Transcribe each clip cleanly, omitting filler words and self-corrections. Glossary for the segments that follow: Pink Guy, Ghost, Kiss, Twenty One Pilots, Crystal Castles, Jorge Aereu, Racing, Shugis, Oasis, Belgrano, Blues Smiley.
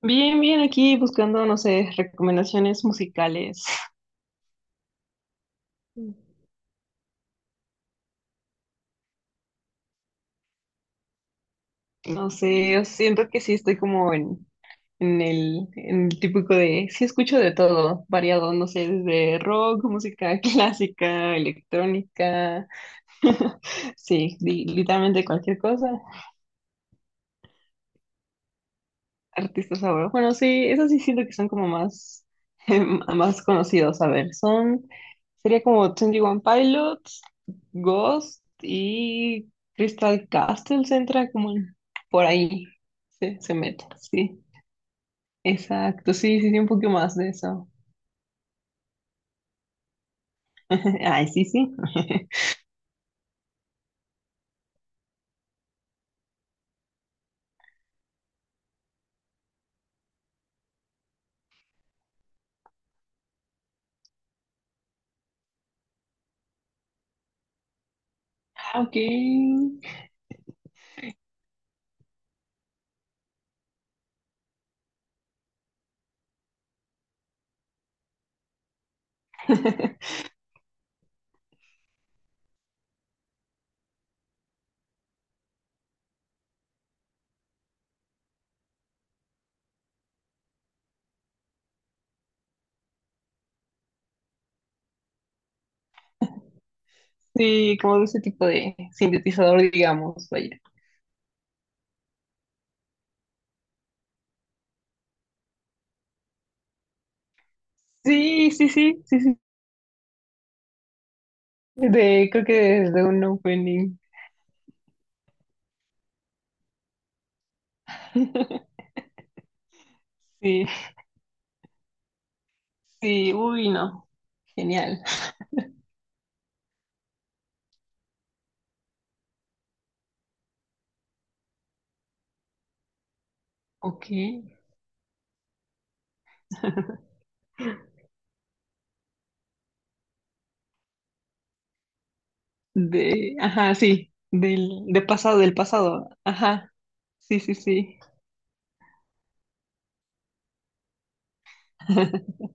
Bien, bien, aquí buscando, no sé, recomendaciones musicales. No sé, siento que sí estoy como en el típico de, sí escucho de todo, variado, no sé, desde rock, música clásica, electrónica, sí, literalmente cualquier cosa. Artistas ahora. Bueno, sí, esos sí siento que son como más, más conocidos. A ver, son, sería como Twenty One Pilots, Ghost y Crystal Castles entra por ahí. Se mete, sí. Exacto, sí, sí, sí, un poco más de eso. Ay, sí, sí. Ah, ok. Sí, como de ese tipo de sintetizador, digamos, vaya. Sí, sí, sí, sí, sí. De, creo que de un opening. Sí. Sí, uy, no. Genial. Ok. De, ajá, sí. Del, de pasado, del pasado. Ajá. Sí, sí, sí.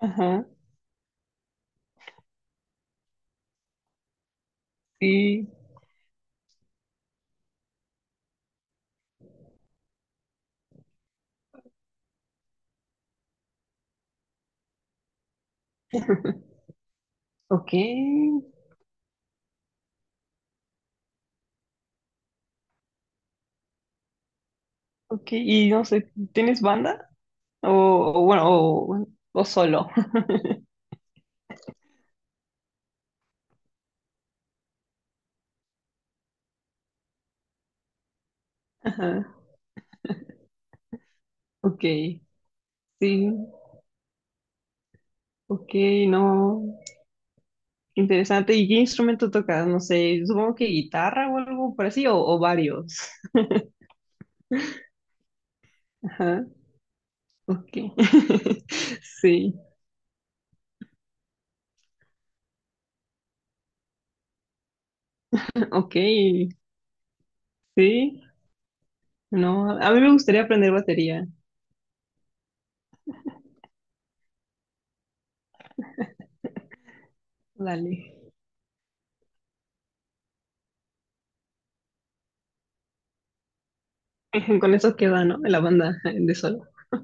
Ajá. Sí. Ok. Ok. Y no sé, ¿tienes banda? O, o bueno, o solo. Ajá. Ok. Sí. Ok, no. Interesante. ¿Y qué instrumento tocas? No sé, supongo que guitarra o algo por así, o varios. Ajá. Ok. Sí. Ok, sí, no, a mí me gustaría aprender batería, dale. Con eso queda, ¿no? La banda de solo,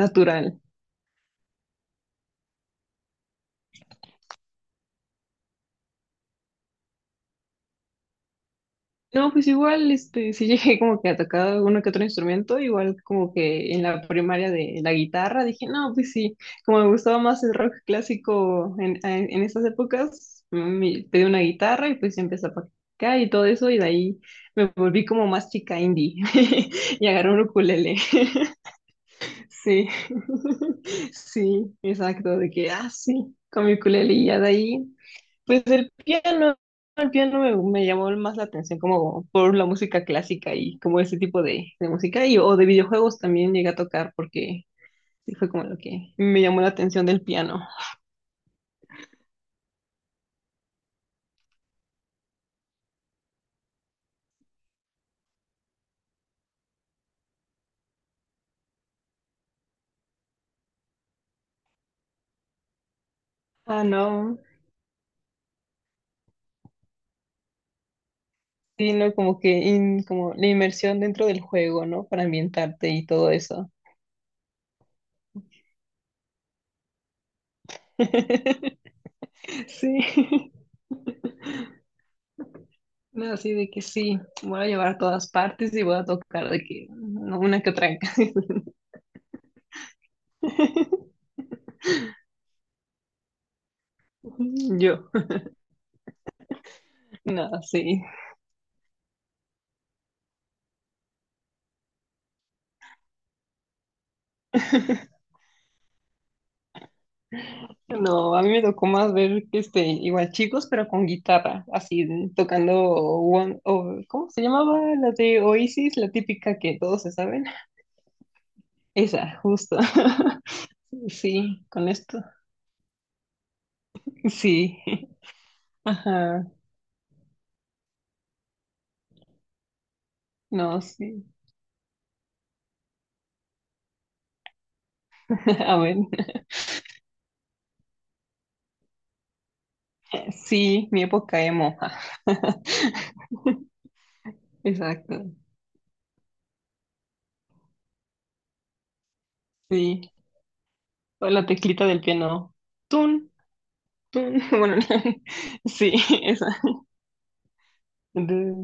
natural. No, pues igual, este, sí llegué como que a tocar uno que otro instrumento, igual como que en la primaria de la guitarra, dije, no, pues sí, como me gustaba más el rock clásico en esas épocas, me pedí una guitarra y pues ya empecé a practicar y todo eso, y de ahí me volví como más chica indie y agarré un ukulele. Sí, sí, exacto, de que, ah, sí, con mi ukulele y ya de ahí, pues el piano me llamó más la atención como por la música clásica y como ese tipo de música y o de videojuegos también llegué a tocar porque sí fue como lo que me llamó la atención del piano. Ah, no, sí, no, como que como la inmersión dentro del juego, ¿no? Para ambientarte y todo eso. Sí. No, así de que sí, voy a llevar a todas partes y voy a tocar de que no, una que otra. Yo, no, sí. No, a mí me tocó más ver este, igual chicos, pero con guitarra, así tocando One, o, ¿cómo se llamaba? La de Oasis, la típica que todos se saben. Esa, justo. Sí, con esto. Sí. Ajá. No, sí. A ver. Sí, mi época emo. Exacto. Sí. O la teclita del piano. Tun, tun. Bueno, sí, esa. De,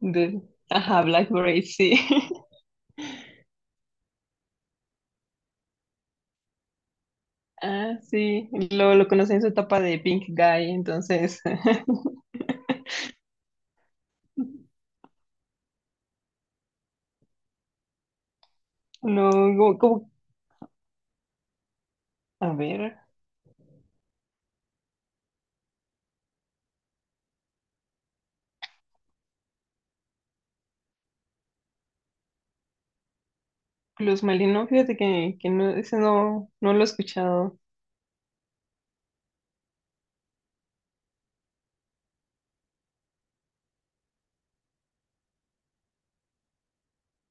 de- Ajá, Blackberry, sí. Ah, sí. Lo conocí en su etapa de Pink Guy, entonces. No, como, a ver. Blues Smiley, no, fíjate que no, ese no, no lo he escuchado.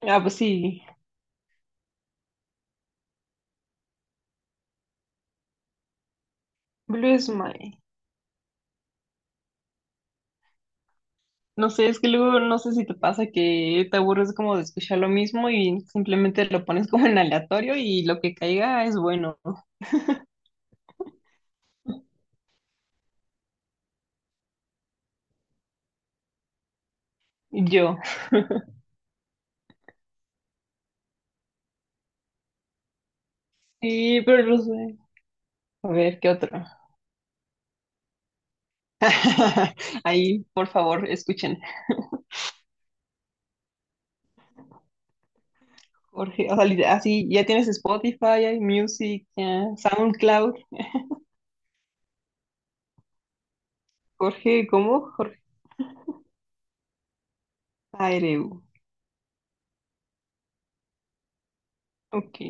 Ah, pues sí. Blues Smiley. No sé, es que luego no sé si te pasa que te aburres como de escuchar lo mismo y simplemente lo pones como en aleatorio y lo que caiga es bueno. Yo. Sí, pero no sé. A ver, ¿qué otro? Ahí, por favor, escuchen. Jorge, o sea, así, ya tienes Spotify, hay Music, ya, SoundCloud. Jorge, ¿cómo? Jorge Aereu. Ok.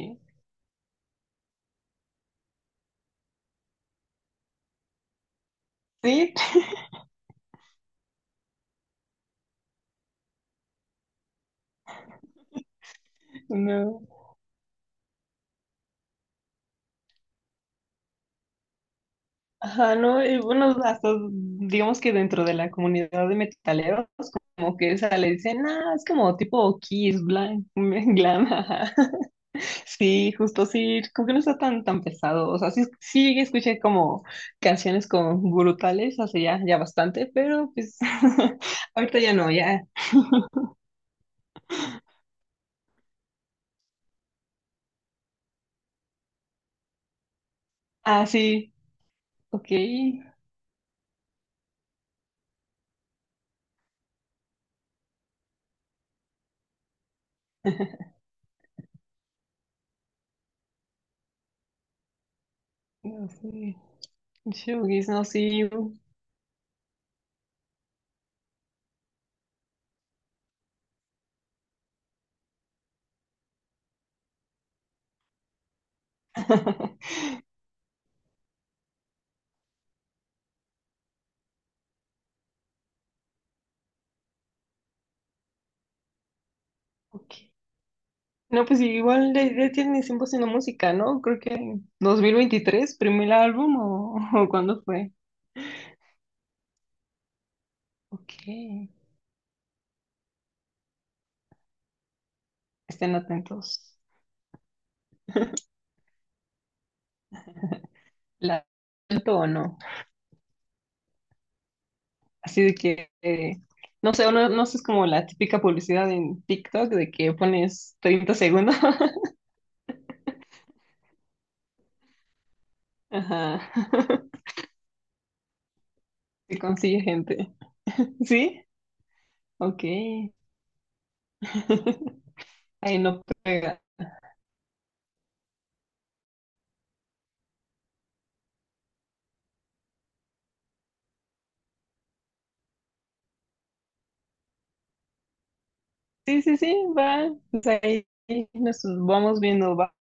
Sí, no. Ajá, no, y bueno, hasta digamos que dentro de la comunidad de metaleros, como que esa le dicen, ah, es como tipo Kiss, glam, glam, ajá. Sí, justo sí, como que no está tan, tan pesado, o sea, sí, sí escuché como canciones con brutales hace ya, ya bastante, pero pues ahorita ya no, ya, ah, sí, ok, no sé, Shugis, no, sí, ok. No, pues sí, igual ya, ya tiene tiempo haciendo música, ¿no? Creo que 2023, primer álbum o, o ¿cuándo fue? Ok, estén atentos. ¿La tanto o no? Así de que, no sé, no sé, es como la típica publicidad en TikTok de que pones 30 segundos. Ajá, y consigue gente. ¿Sí? Ok. Ahí no pega. Sí, sí, sí, va. Pues ahí nos vamos viendo, va.